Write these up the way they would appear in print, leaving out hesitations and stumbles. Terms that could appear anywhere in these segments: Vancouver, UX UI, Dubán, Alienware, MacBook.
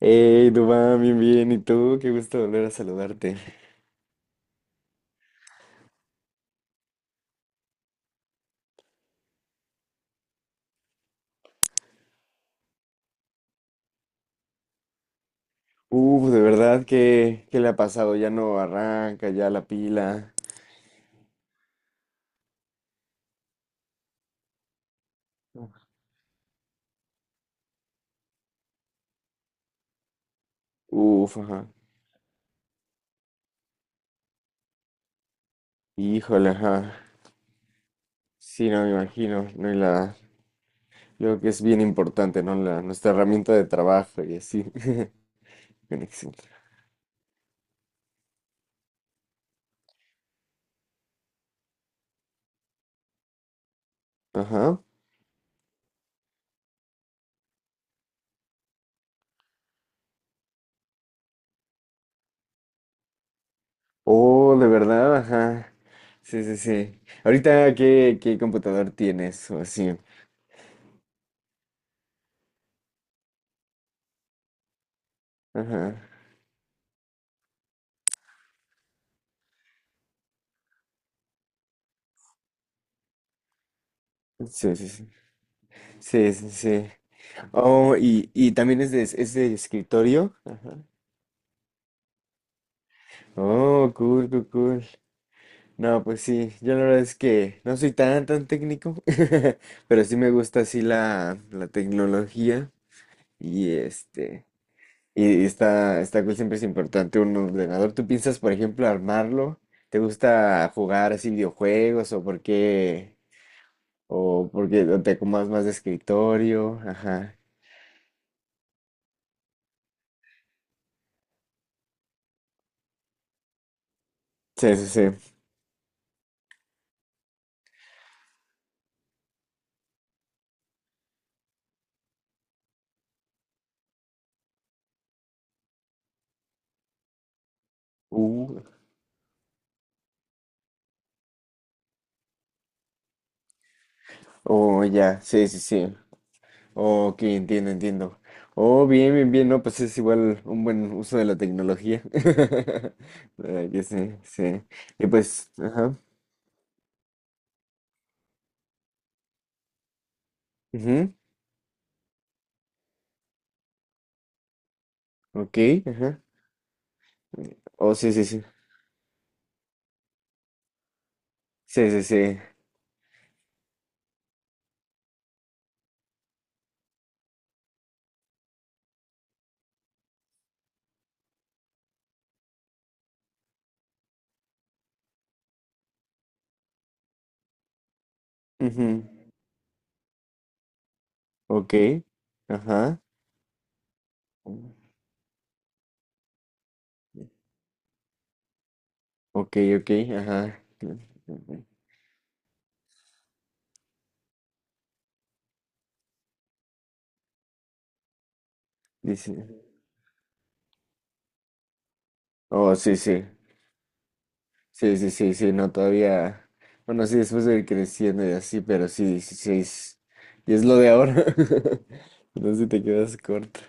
Hey, Dubán, bien, bien. ¿Y tú? Qué gusto volver a saludarte. Uf, de verdad, ¿qué le ha pasado? Ya no arranca, ya la pila. Uf, ajá. Híjole, ajá. Sí, no me imagino. No, creo que es bien importante, ¿no? La, nuestra herramienta de trabajo y así. Conexión. Ajá. Oh, de verdad, ajá. Sí, sí, sí. Ahorita, ¿qué computador tienes? O así. Ajá. Sí, sí, sí. Sí, sí, sí. Oh, y también es de escritorio. Ajá. Oh, cool, cool, cool. No, pues sí, yo la verdad es que no soy tan técnico, pero sí me gusta así la tecnología y este, y está, está cool, siempre es importante un ordenador. ¿Tú piensas, por ejemplo, armarlo? ¿Te gusta jugar así videojuegos o por qué? ¿O porque te acomodas más de escritorio? Ajá. Sí, sí, sí. Uh, oh, ya, sí, sí, sí. Ok, entiendo, entiendo. Oh, bien, bien, bien, no, pues es igual un buen uso de la tecnología. ¿Verdad que sí, sí. Y pues, ajá. Ujú. Ok, ajá. Oh, sí, sí, sí. Sí, sí, sí. Ujú. Ok, ajá. Ok, ok, ajá. Dice. Oh, sí, sí. Sí, sí, sí, sí, no, todavía. Bueno, sí, después de ir creciendo y así, pero sí, 16. Y es lo de ahora. Entonces te quedas corto.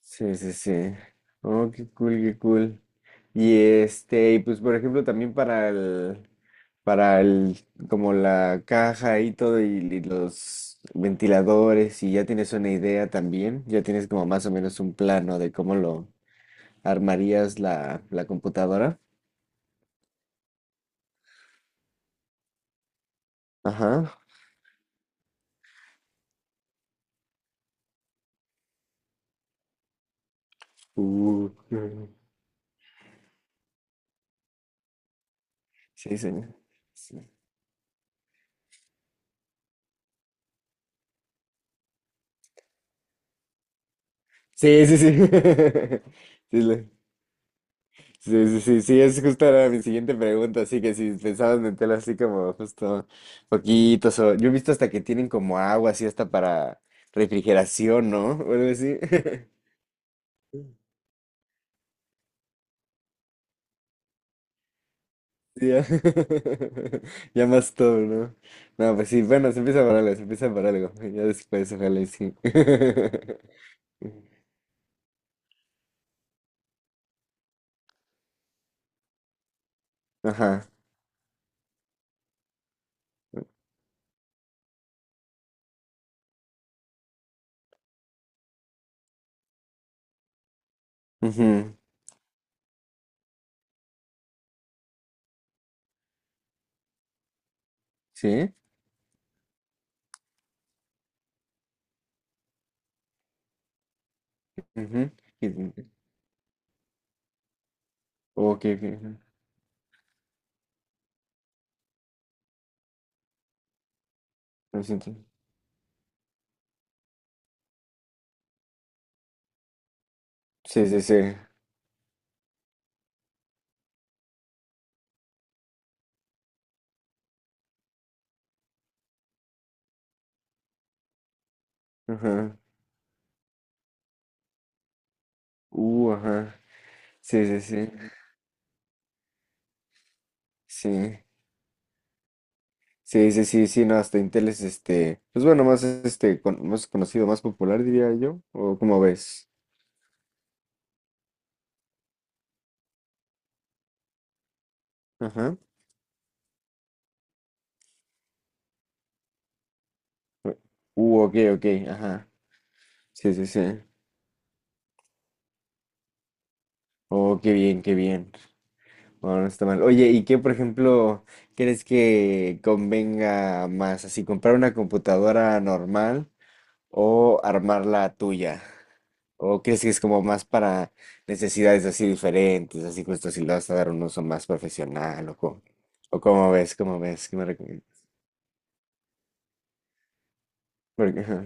Sí, sí, sí. Oh, qué cool, qué cool. Y este, y pues por ejemplo también para el, como la caja y todo y los ventiladores y ya tienes una idea también, ya tienes como más o menos un plano de cómo lo armarías la computadora. Ajá. Uh, sí, sí. Sí, sí, sí. Sí, sí. Sí, sí, sí, sí, es justo era mi siguiente pregunta, así que si pensabas meterlo así como justo poquitos, o yo he visto hasta que tienen como agua así hasta para refrigeración, ¿no? O algo así. Sí, ya, ya más todo, ¿no? No, pues sí, bueno, se empieza por algo, se empieza por algo, ya después, ojalá y sí. Ajá, ujú, sí, ujú, y- oh, ok, ok, ajá, lo siento. Sí, sí, sí, ajá, ajá, sí, sí, sí. Sí, sí, sí, sí, sí, no, hasta Intel es este, pues bueno, más este, más conocido, más popular diría yo, o como ves. Ajá. Ok, ok, ajá. Sí, sí, sí. Oh, qué bien, qué bien. Bueno, no está mal. Oye, ¿y qué, por ejemplo, crees que convenga más? ¿Así comprar una computadora normal o armar la tuya? ¿O crees que es como más para necesidades así diferentes, así justo si le vas a dar un uso más profesional o cómo ves, qué me recomiendas? Porque, ajá,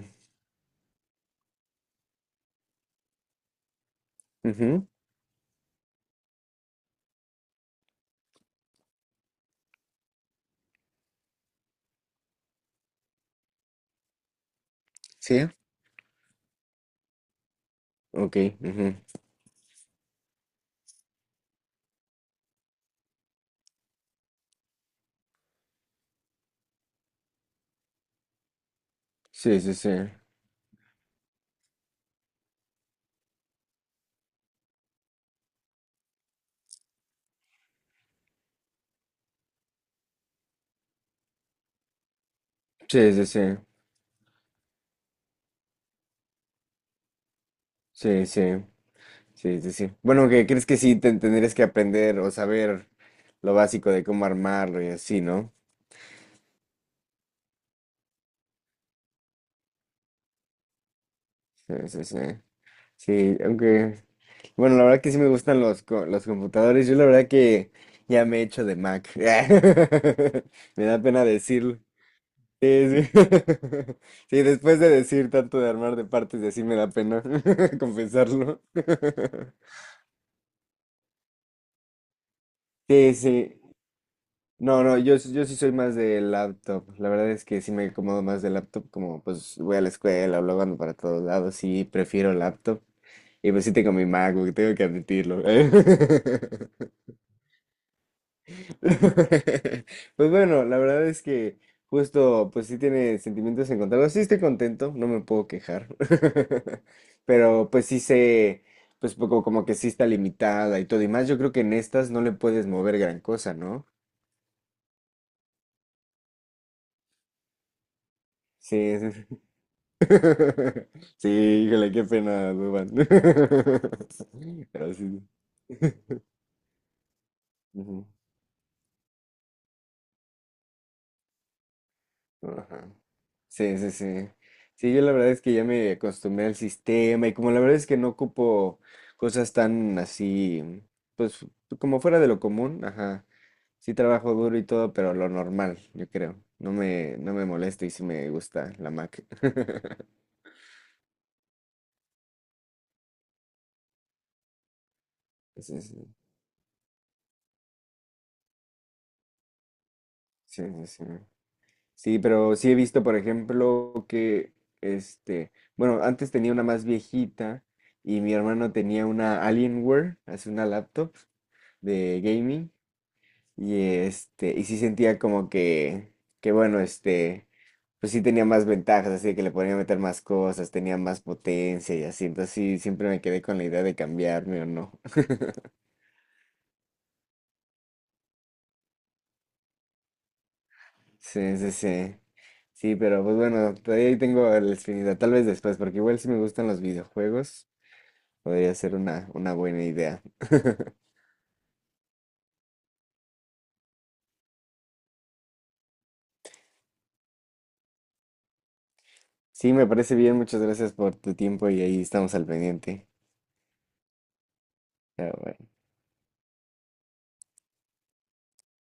ujú, sí, ok, ujú. Sí, sí, sí, sí, sí, sí, sí, sí, sí, sí, sí. Bueno, que crees que sí te tendrías que aprender o saber lo básico de cómo armarlo y así, ¿no? Sí, sí, sí. Sí, aunque, bueno, la verdad que sí me gustan los computadores. Yo la verdad que ya me he hecho de Mac. Me da pena decirlo. Sí, sí. Sí, después de decir tanto de armar de partes y así me da pena confesarlo. Sí, sí. No, no, yo sí soy más de laptop. La verdad es que sí me acomodo más de laptop, como pues voy a la escuela o luego ando para todos lados, sí prefiero laptop. Y pues sí tengo mi MacBook, tengo que admitirlo. Pues bueno, la verdad es que justo, pues sí tiene sentimientos encontrados. Sí estoy contento, no me puedo quejar. Pero pues sí sé, pues poco como que sí está limitada y todo. Y más, yo creo que en estas no le puedes mover gran cosa, ¿no? Sí, sí. Sí, híjole, qué pena, Duban. Pero sí. Ujú. Ajá. Sí, sí, sí. Sí, yo la verdad es que ya me acostumbré al sistema y como la verdad es que no ocupo cosas tan así, pues como fuera de lo común, ajá. Sí trabajo duro y todo, pero lo normal, yo creo. No me molesta y sí me gusta la Mac. Sí, sí, sí, sí, sí. Sí, pero sí he visto, por ejemplo, que este, bueno, antes tenía una más viejita y mi hermano tenía una Alienware, hace una laptop de gaming. Y este, y sí sentía como que bueno, este, pues sí tenía más ventajas, así de que le podía meter más cosas, tenía más potencia y así. Entonces sí, siempre me quedé con la idea de cambiarme o no. Sí, sí, sí. Sí, pero pues bueno, todavía ahí tengo la espinita, tal vez después, porque igual si me gustan los videojuegos, podría ser una buena idea. Sí, me parece bien, muchas gracias por tu tiempo y ahí estamos al pendiente. Pero bueno.